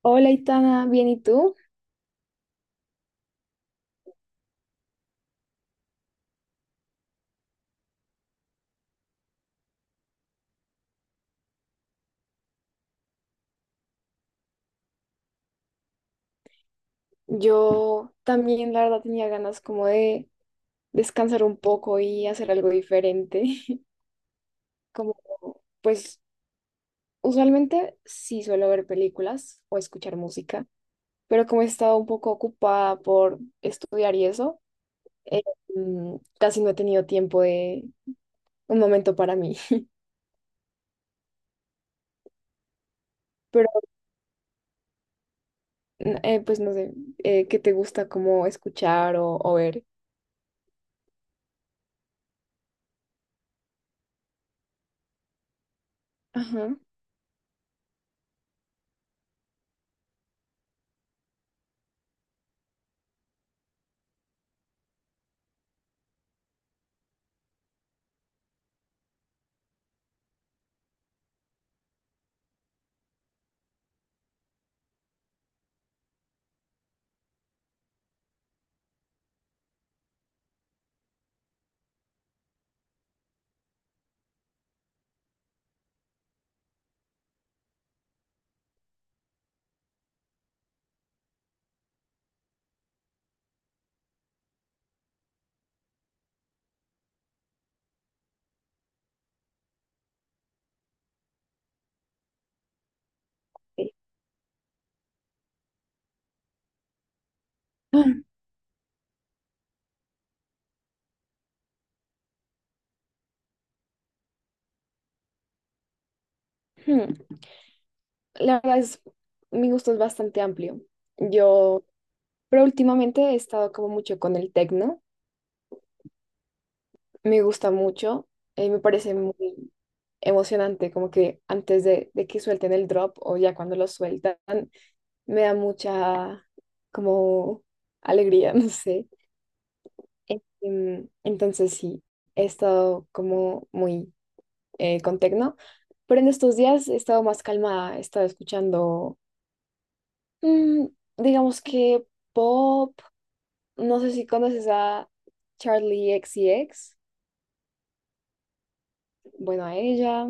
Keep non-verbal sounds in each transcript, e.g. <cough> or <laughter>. Hola, Itana, ¿bien y tú? Yo también, la verdad, tenía ganas como de descansar un poco y hacer algo diferente. <laughs> Como, pues, usualmente sí suelo ver películas o escuchar música, pero como he estado un poco ocupada por estudiar y eso, eh, casi no he tenido tiempo de un momento para mí. <laughs> Pero, no sé, ¿qué te gusta como escuchar o ver? Ajá. Sí. <clears throat> La verdad es, mi gusto es bastante amplio. Yo, pero últimamente he estado como mucho con el tecno. Me gusta mucho. Me parece muy emocionante, como que antes de que suelten el drop o ya cuando lo sueltan, me da mucha como alegría, <laughs> no sé. Entonces sí, he estado como muy con tecno. Pero en estos días he estado más calmada, he estado escuchando, mm, digamos que pop. No sé si conoces a Charlie X C X. Bueno, a ella.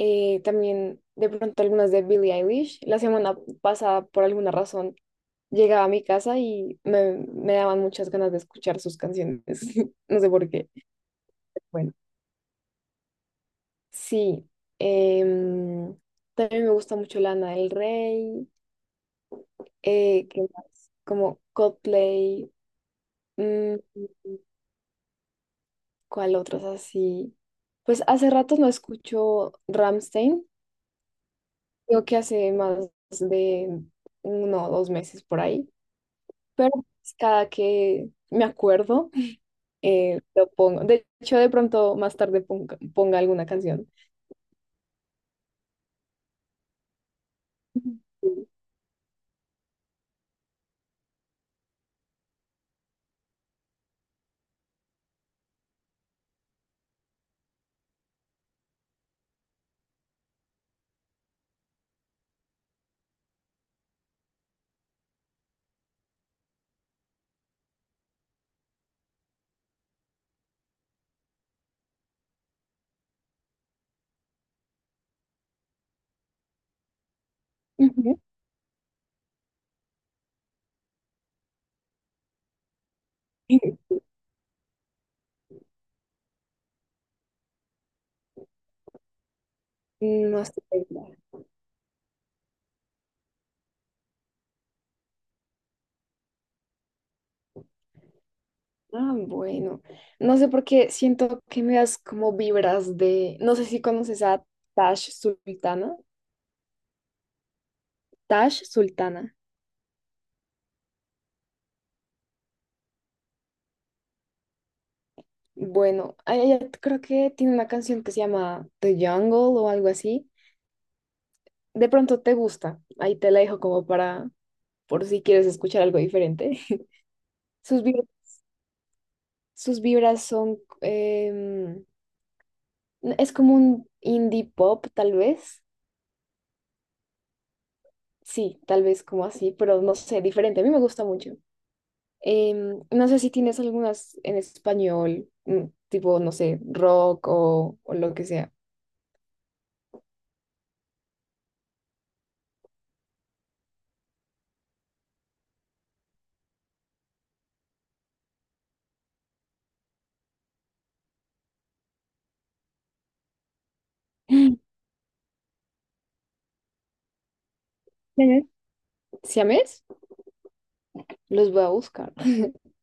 También de pronto algunas de Billie Eilish. La semana pasada, por alguna razón, llegaba a mi casa y me daban muchas ganas de escuchar sus canciones. <laughs> No sé por qué. Bueno, sí. em, También me gusta mucho Lana del Rey. ¿Qué más? Como Coldplay. Mm, ¿cuál otros así? Pues hace rato no escucho Ramstein. Creo que hace más de uno o dos meses por ahí, pero pues cada que me acuerdo, lo pongo. De hecho, de pronto más tarde ponga alguna canción. Ujú. Ujú. No sé. Ah, bueno. No sé por qué siento que me das como vibras de. No sé si conoces a Tash Sultana. Tash Sultana. Bueno, a ella creo que tiene una canción que se llama The Jungle o algo así. De pronto te gusta. Ahí te la dejo como para, por si quieres escuchar algo diferente. <laughs> Sus vibras, sus vibras son, es como un indie pop, tal vez. Sí, tal vez como así, pero no sé, diferente. A mí me gusta mucho. Em, no sé si tienes algunas en español, mm, tipo, no sé, rock o lo que sea. <laughs> <gasps> ¿Siames? Los voy a buscar. <laughs>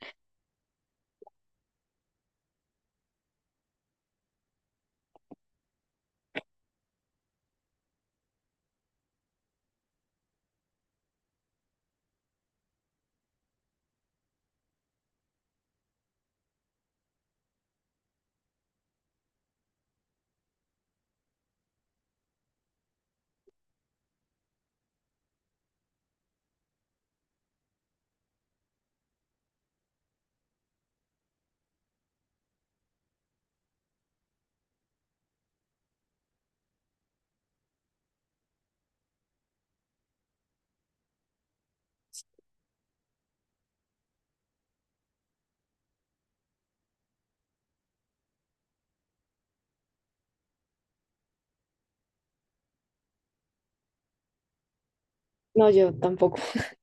No, yo tampoco, <laughs>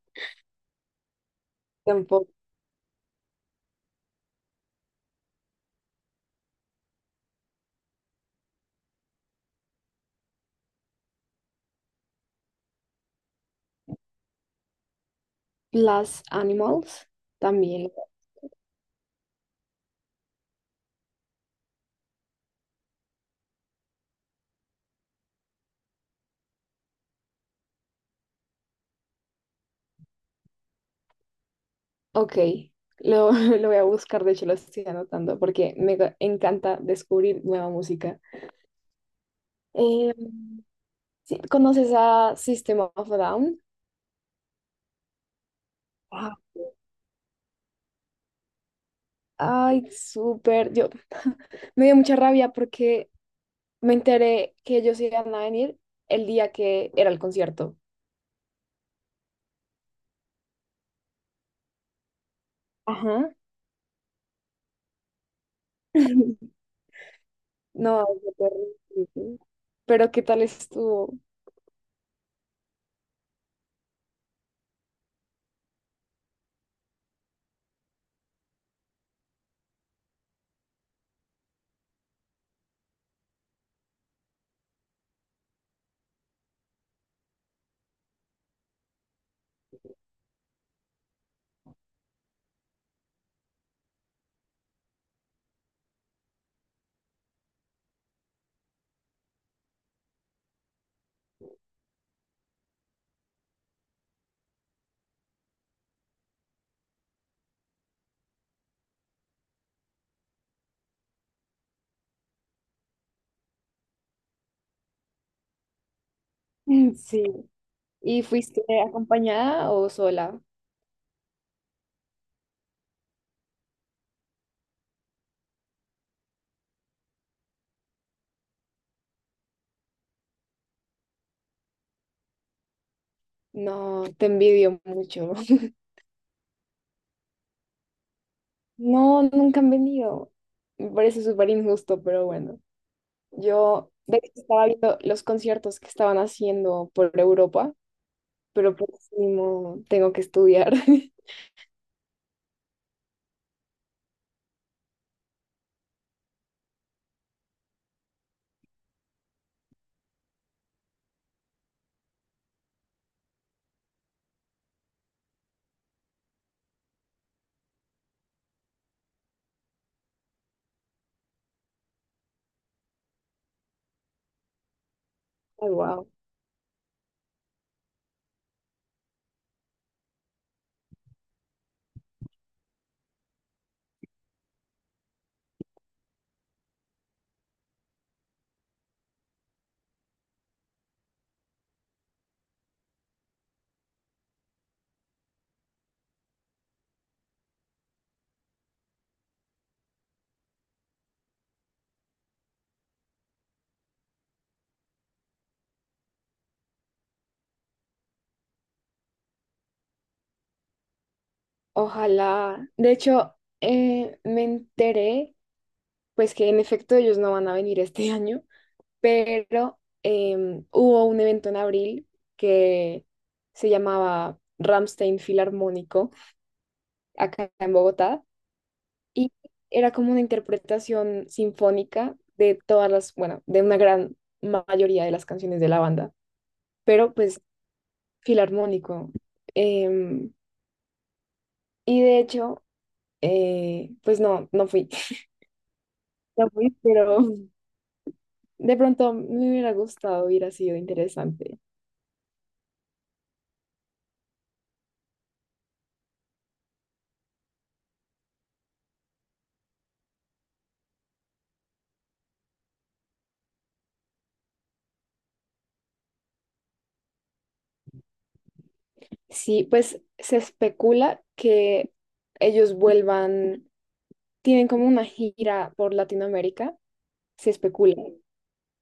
tampoco. Las Animals también. Ok, <laughs> lo voy a buscar, de hecho lo estoy anotando porque encanta descubrir nueva música. Eh, ¿Conoces a System of a Down? Ah, ay, súper. Yo <laughs> me dio mucha rabia porque me enteré que ellos iban a venir el día que era el concierto. Ajá. <laughs> No, fue terrible. Pero ¿qué tal estuvo? <laughs> Mm, sí. ¿Y fuiste acompañada o sola? No, te envidio mucho. <laughs> No, nunca han venido. Me parece súper injusto, pero bueno. Yo de hecho, estaba viendo los conciertos que estaban haciendo por Europa, pero por último tengo que estudiar. <laughs> Ay, wow. Ojalá. De hecho, me enteré, pues que en efecto ellos no van a venir este <laughs> año, pero hubo un evento en abril que se llamaba Ramstein Filarmónico, acá en Bogotá, y era como una interpretación sinfónica de todas las, bueno, de una gran mayoría de las canciones de la banda, pero pues filarmónico. Em, y de hecho, pues no, no fui. <laughs> No fui, pero de pronto me hubiera gustado, hubiera sido interesante. Sí, pues se especula que ellos vuelvan, tienen como una gira por Latinoamérica, se especula,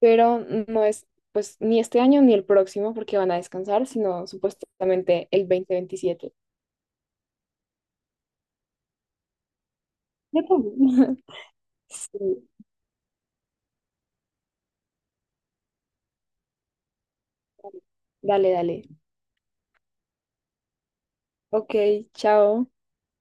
pero no es pues ni este año ni el próximo porque van a descansar, sino supuestamente el 2027. Ya tengo. <laughs> Sí, dale, dale. Ok, chao.